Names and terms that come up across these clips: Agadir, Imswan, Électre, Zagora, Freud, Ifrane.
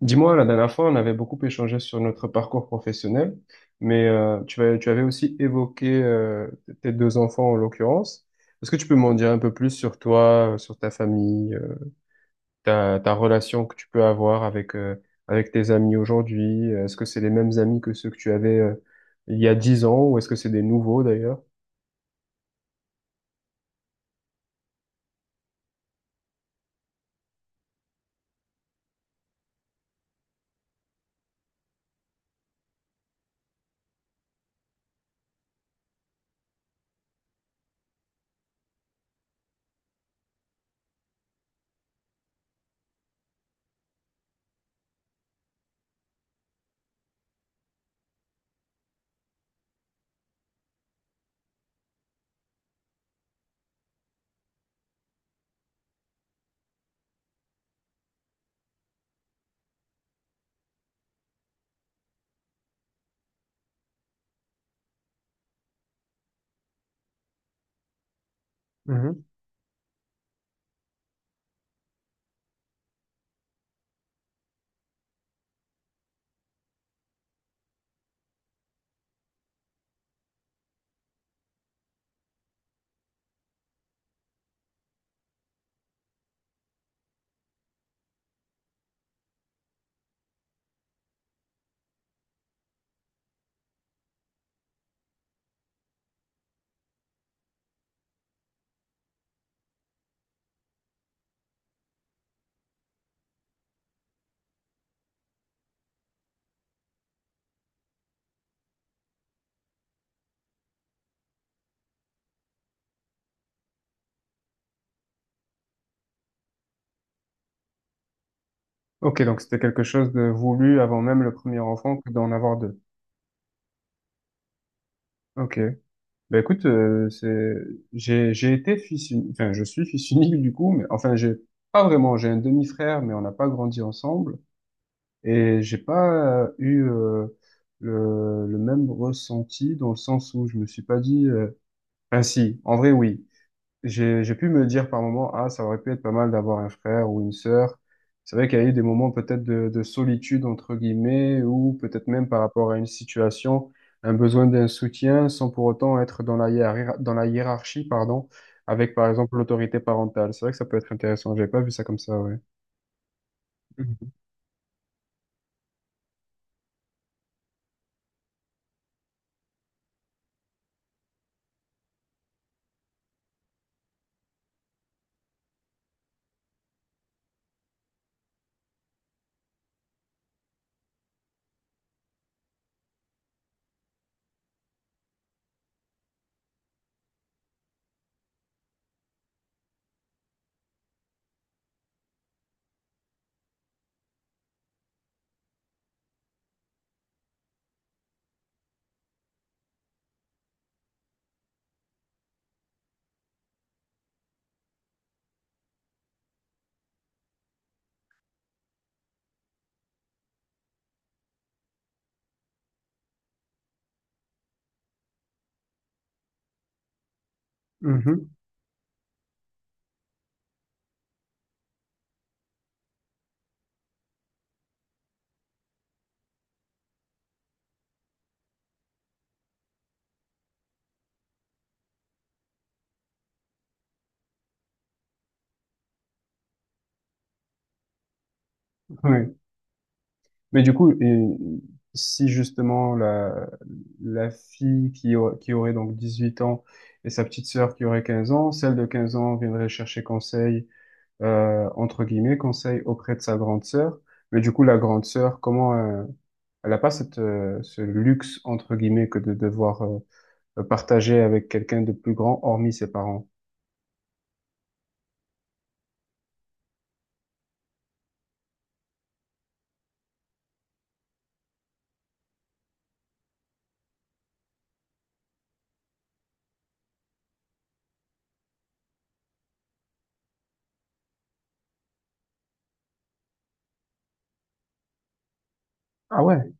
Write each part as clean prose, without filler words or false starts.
Dis-moi, la dernière fois, on avait beaucoup échangé sur notre parcours professionnel, mais tu avais aussi évoqué tes deux enfants en l'occurrence. Est-ce que tu peux m'en dire un peu plus sur toi, sur ta famille, ta, ta relation que tu peux avoir avec, avec tes amis aujourd'hui? Est-ce que c'est les mêmes amis que ceux que tu avais il y a 10 ans ou est-ce que c'est des nouveaux d'ailleurs? Mhm. Ok, donc c'était quelque chose de voulu avant même le premier enfant que d'en avoir deux. Ok. Ben écoute, c'est, j'ai été fils unique, enfin, je suis fils unique du coup, mais enfin, j'ai pas vraiment, j'ai un demi-frère, mais on n'a pas grandi ensemble, et j'ai pas eu le même ressenti dans le sens où je me suis pas dit, enfin si, en vrai oui, j'ai pu me dire par moments, ah, ça aurait pu être pas mal d'avoir un frère ou une sœur. C'est vrai qu'il y a eu des moments peut-être de solitude, entre guillemets, ou peut-être même par rapport à une situation, un besoin d'un soutien sans pour autant être dans dans la hiérarchie, pardon, avec par exemple l'autorité parentale. C'est vrai que ça peut être intéressant. J'avais pas vu ça comme ça, ouais. Mhm. Mhm. Ouais. Mais du coup, et si justement la, la fille qui, qui aurait donc 18 ans et sa petite sœur qui aurait 15 ans, celle de 15 ans viendrait chercher conseil, entre guillemets, conseil auprès de sa grande sœur. Mais du coup, la grande sœur, comment, elle n'a pas cette, ce luxe, entre guillemets, que de devoir, partager avec quelqu'un de plus grand, hormis ses parents. Ah ouais.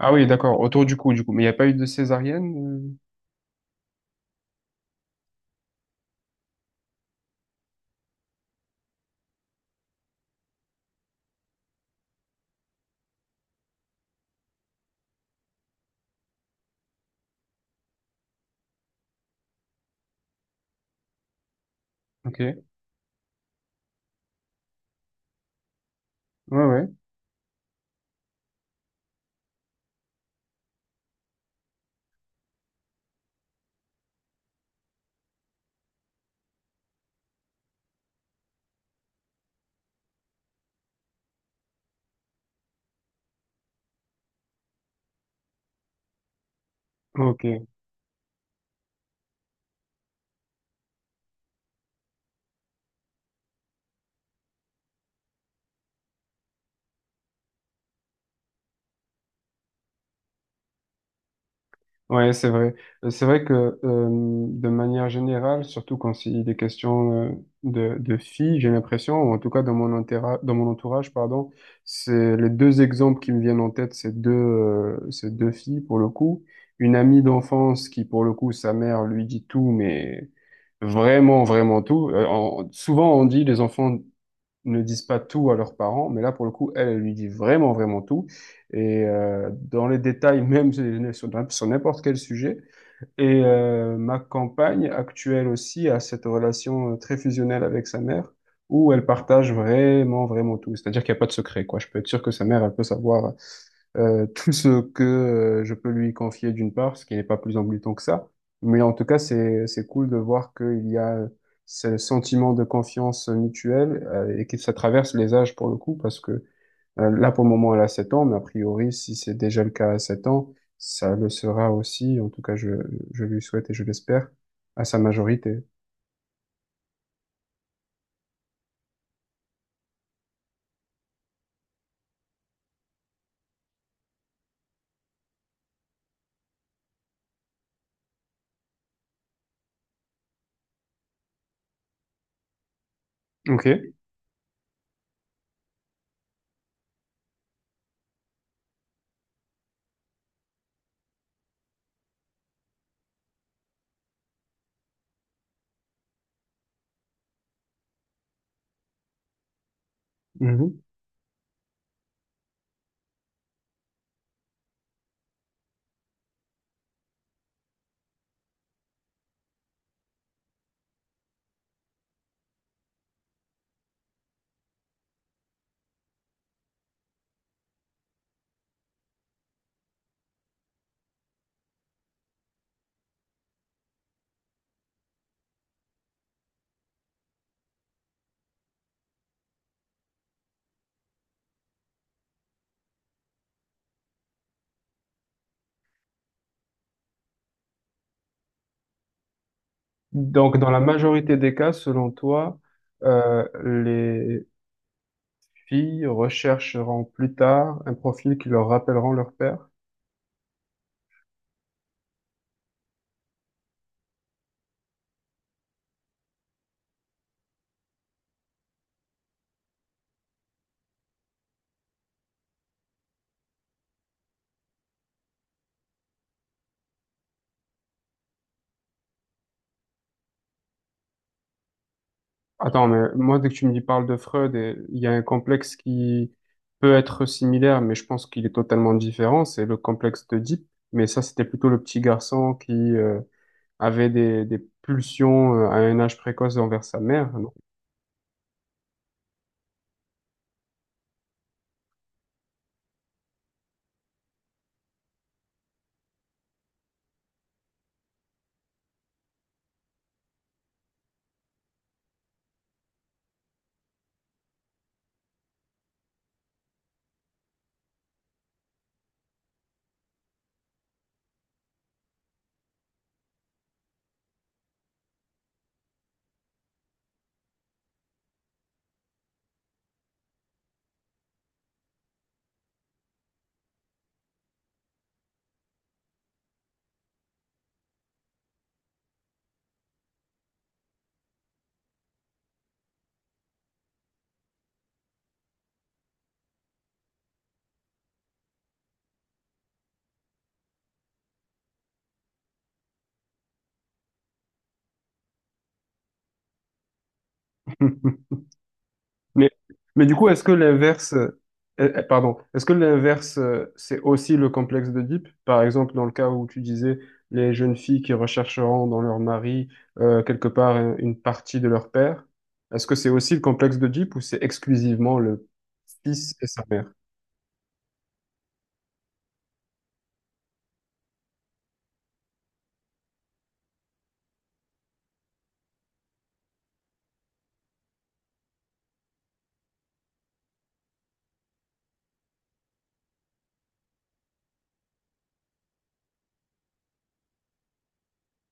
Ah oui, d'accord, autour du coup, du coup. Mais il n'y a pas eu de césarienne? Ok. Ouais, ouais. Ok. Ouais, c'est vrai. C'est vrai que euh, de manière générale, surtout quand il est question de filles, j'ai l'impression, ou en tout cas dans mon entourage, pardon, c'est les deux exemples qui me viennent en tête, c'est deux filles pour le coup. Une amie d'enfance qui pour le coup, sa mère lui dit tout, mais vraiment, vraiment tout. Souvent on dit les enfants ne disent pas tout à leurs parents, mais là, pour le coup, elle, elle lui dit vraiment, vraiment tout. Et dans les détails, même sur n'importe quel sujet. Et ma compagne actuelle aussi a cette relation très fusionnelle avec sa mère, où elle partage vraiment, vraiment tout. C'est-à-dire qu'il n'y a pas de secret, quoi. Je peux être sûr que sa mère, elle peut savoir tout ce que je peux lui confier d'une part, ce qui n'est pas plus embêtant que ça. Mais en tout cas, c'est cool de voir qu'il y a ce sentiment de confiance mutuelle et que ça traverse les âges pour le coup, parce que là, pour le moment, elle a 7 ans, mais a priori, si c'est déjà le cas à 7 ans, ça le sera aussi, en tout cas, je lui souhaite et je l'espère, à sa majorité. Ok. Mhm. Donc, dans la majorité des cas, selon toi, les filles rechercheront plus tard un profil qui leur rappelleront leur père? Attends, mais moi, dès que tu me dis parle de Freud, et il y a un complexe qui peut être similaire, mais je pense qu'il est totalement différent, c'est le complexe d'Oedipe. Mais ça, c'était plutôt le petit garçon qui avait des pulsions à un âge précoce envers sa mère. Non. Mais, mais du coup, est-ce que l'inverse, pardon, est-ce que l'inverse, c'est aussi le complexe d'Oedipe? Par exemple, dans le cas où tu disais les jeunes filles qui rechercheront dans leur mari quelque part une partie de leur père, est-ce que c'est aussi le complexe d'Oedipe ou c'est exclusivement le fils et sa mère?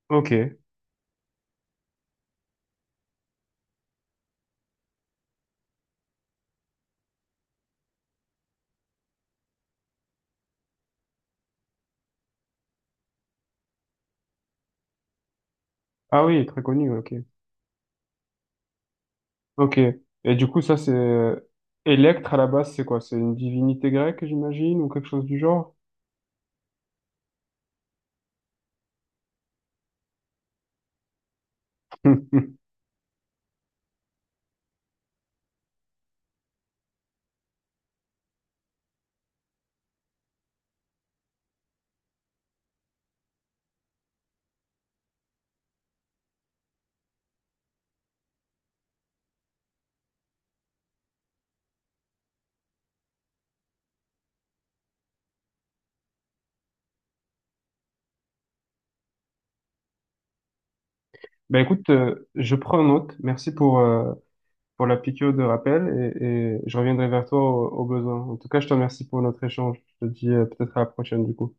Ok. Ah oui, très connu, ok. Ok. Et du coup, ça, c'est... Électre, à la base, c'est quoi? C'est une divinité grecque, j'imagine, ou quelque chose du genre? Ben écoute, je prends note. Merci pour la piqûre de rappel et je reviendrai vers toi au, au besoin. En tout cas, je te remercie pour notre échange. Je te dis peut-être à la prochaine du coup.